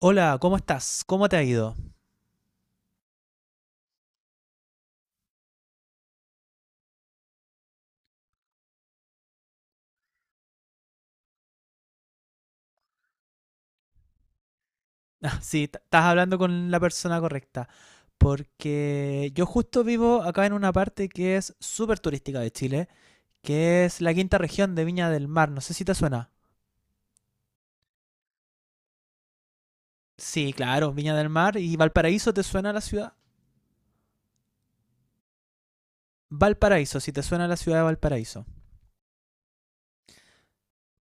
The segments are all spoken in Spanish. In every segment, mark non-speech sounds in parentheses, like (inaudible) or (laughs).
Hola, ¿cómo estás? ¿Cómo te ha ido? (laughs) Ah, sí, estás hablando con la persona correcta. Porque yo justo vivo acá en una parte que es súper turística de Chile, que es la quinta región de Viña del Mar. No sé si te suena. Sí, claro, Viña del Mar. ¿Y Valparaíso te suena la ciudad? Valparaíso, si te suena la ciudad de Valparaíso.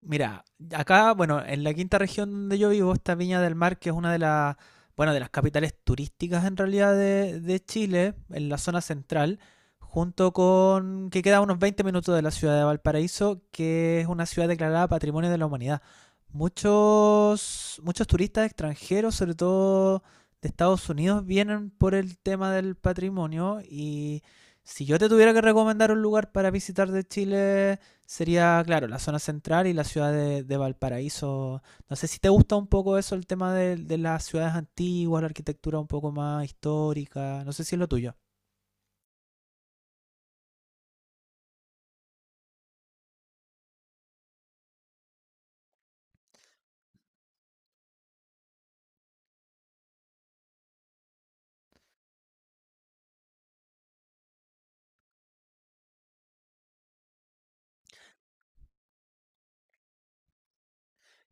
Mira, acá, bueno, en la quinta región donde yo vivo está Viña del Mar, que es una de las, bueno, de las capitales turísticas en realidad de Chile, en la zona central, junto con que queda a unos 20 minutos de la ciudad de Valparaíso, que es una ciudad declarada Patrimonio de la Humanidad. Muchos, muchos turistas extranjeros, sobre todo de Estados Unidos, vienen por el tema del patrimonio y si yo te tuviera que recomendar un lugar para visitar de Chile, sería, claro, la zona central y la ciudad de Valparaíso. No sé si te gusta un poco eso, el tema de las ciudades antiguas, la arquitectura un poco más histórica. No sé si es lo tuyo.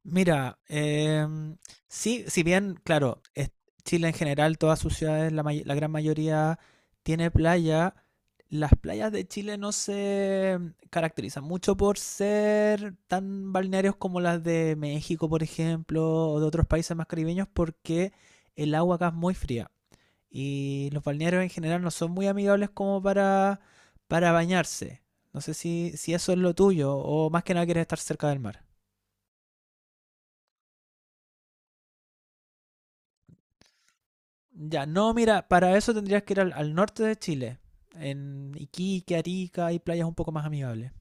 Mira, sí, si bien, claro, Chile en general, todas sus ciudades, la gran mayoría tiene playa. Las playas de Chile no se caracterizan mucho por ser tan balnearios como las de México, por ejemplo, o de otros países más caribeños, porque el agua acá es muy fría. Y los balnearios en general no son muy amigables como para bañarse. No sé si eso es lo tuyo, o más que nada quieres estar cerca del mar. Ya, no, mira, para eso tendrías que ir al norte de Chile, en Iquique, Arica, hay playas un poco más amigables.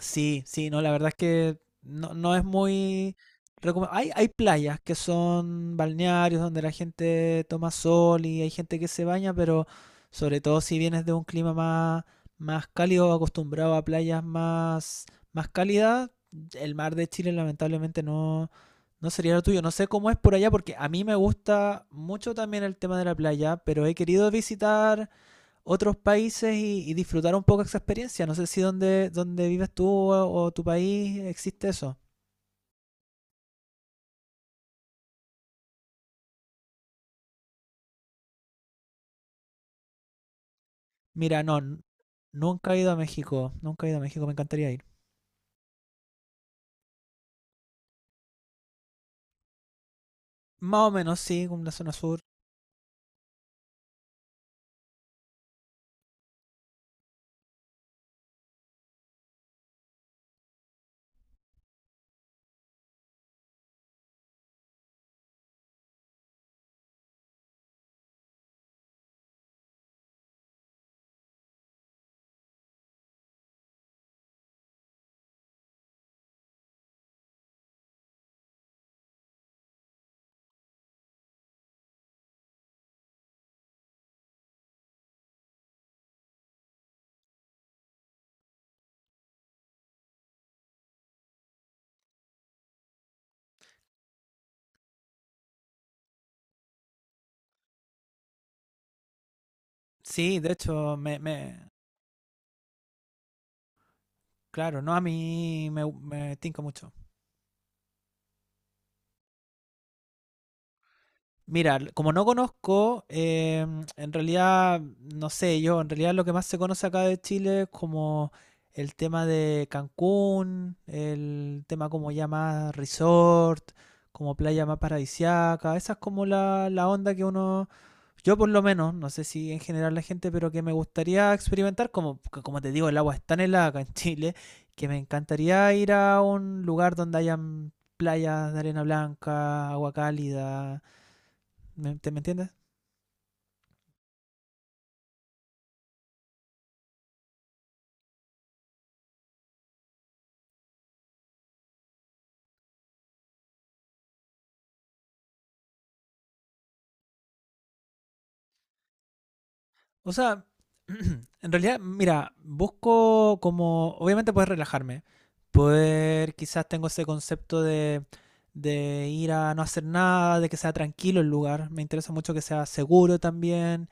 Sí, sí, no, la verdad es que no, no es muy… Hay, hay playas que son balnearios donde la gente toma sol y hay gente que se baña, pero sobre todo si vienes de un clima más, más cálido, acostumbrado a playas más, más cálidas, el mar de Chile lamentablemente no, no sería lo tuyo, no sé cómo es por allá, porque a mí me gusta mucho también el tema de la playa, pero he querido visitar otros países y disfrutar un poco esa experiencia. No sé si donde, donde vives tú o tu país existe eso. Mira, no, nunca he ido a México, nunca he ido a México, me encantaría ir. Más o menos, sí, con la zona sur. Sí, de hecho, claro, no, a mí me, me tinca mucho. Mira, como no conozco, en realidad, no sé, yo, en realidad lo que más se conoce acá de Chile es como el tema de Cancún, el tema como ya más resort, como playa más paradisiaca, esa es como la onda que uno, yo por lo menos, no sé si en general la gente, pero que me gustaría experimentar, como, porque como te digo, el agua es tan helada acá en Chile, que me encantaría ir a un lugar donde hayan playas de arena blanca, agua cálida. ¿Me entiendes? O sea, (clears throat) en realidad, mira, busco como, obviamente poder relajarme, poder, quizás tengo ese concepto de ir a no hacer nada, de que sea tranquilo el lugar, me interesa mucho que sea seguro también,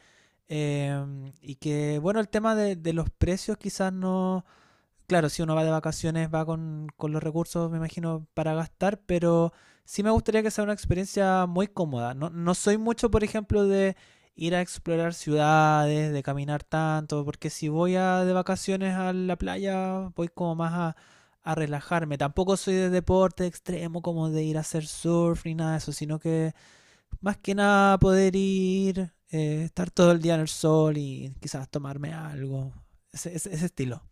eh, y que, bueno, el tema de los precios quizás no, claro, si uno va de vacaciones va con los recursos, me imagino, para gastar, pero sí me gustaría que sea una experiencia muy cómoda. No, no soy mucho, por ejemplo, de ir a explorar ciudades, de caminar tanto, porque si voy a, de vacaciones a la playa, voy como más a relajarme. Tampoco soy de deporte extremo, como de ir a hacer surf ni nada de eso, sino que más que nada poder ir, estar todo el día en el sol y quizás tomarme algo. Ese estilo.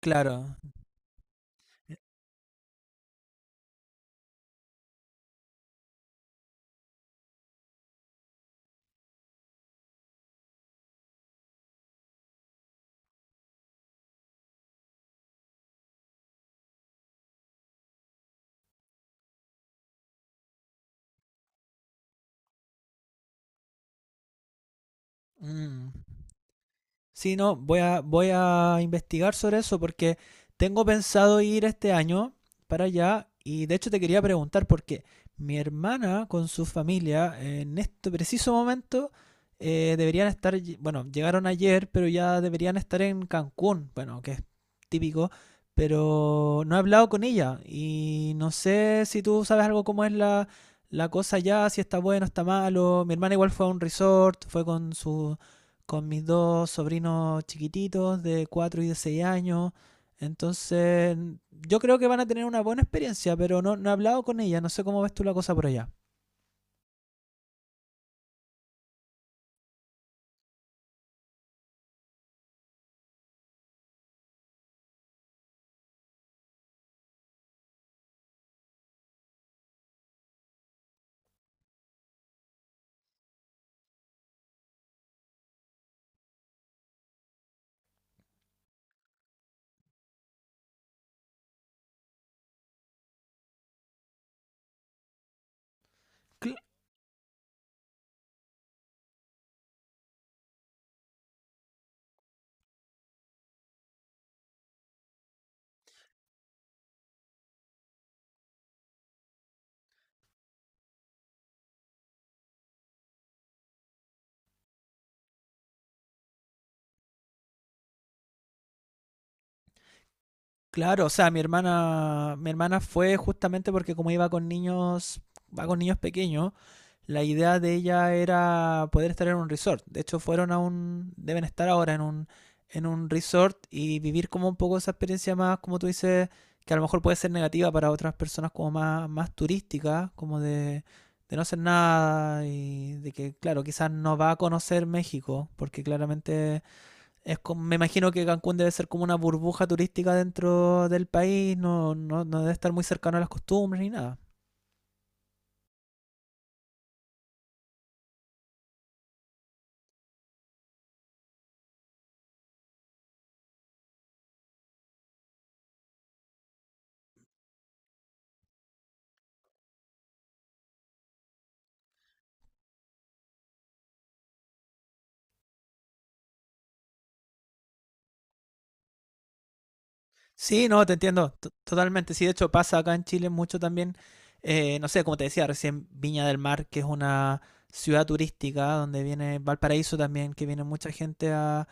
Claro. Mm. Sí, no, voy a investigar sobre eso porque tengo pensado ir este año para allá y de hecho te quería preguntar porque mi hermana con su familia en este preciso momento deberían estar, bueno, llegaron ayer, pero ya deberían estar en Cancún, bueno, que es típico, pero no he hablado con ella y no sé si tú sabes algo cómo es la, la cosa allá, si está bueno, está malo. Mi hermana igual fue a un resort, fue con su con mis dos sobrinos chiquititos de 4 y de 6 años. Entonces, yo creo que van a tener una buena experiencia, pero no, no he hablado con ella, no sé cómo ves tú la cosa por allá. Cl- claro, o sea, mi hermana fue justamente porque como iba con niños, va con niños pequeños, la idea de ella era poder estar en un resort. De hecho, fueron a un, deben estar ahora en un resort y vivir como un poco esa experiencia más, como tú dices, que a lo mejor puede ser negativa para otras personas como más, más turísticas, como de no hacer nada y de que, claro, quizás no va a conocer México, porque claramente es como, me imagino que Cancún debe ser como una burbuja turística dentro del país, no, no, no debe estar muy cercano a las costumbres ni nada. Sí, no, te entiendo totalmente. Sí, de hecho pasa acá en Chile mucho también. Eh, no sé, como te decía recién, Viña del Mar, que es una ciudad turística donde viene Valparaíso también, que viene mucha gente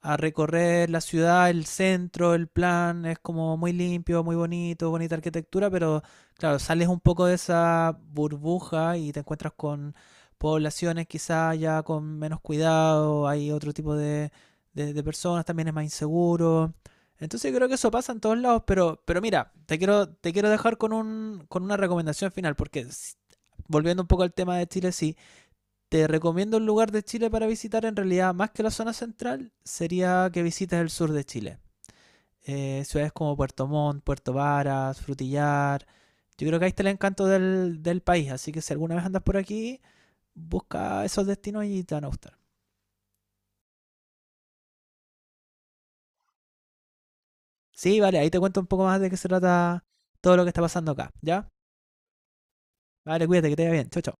a recorrer la ciudad, el centro, el plan, es como muy limpio, muy bonito, bonita arquitectura, pero claro, sales un poco de esa burbuja y te encuentras con poblaciones quizá ya con menos cuidado, hay otro tipo de, de personas, también es más inseguro. Entonces yo creo que eso pasa en todos lados, pero mira, te quiero dejar con, un, con una recomendación final, porque volviendo un poco al tema de Chile, sí, te recomiendo un lugar de Chile para visitar, en realidad, más que la zona central, sería que visites el sur de Chile. Ciudades como Puerto Montt, Puerto Varas, Frutillar. Yo creo que ahí está el encanto del país, así que si alguna vez andas por aquí, busca esos destinos y te van a gustar. Sí, vale, ahí te cuento un poco más de qué se trata todo lo que está pasando acá, ¿ya? Vale, cuídate, que te vaya bien. Chao, chao.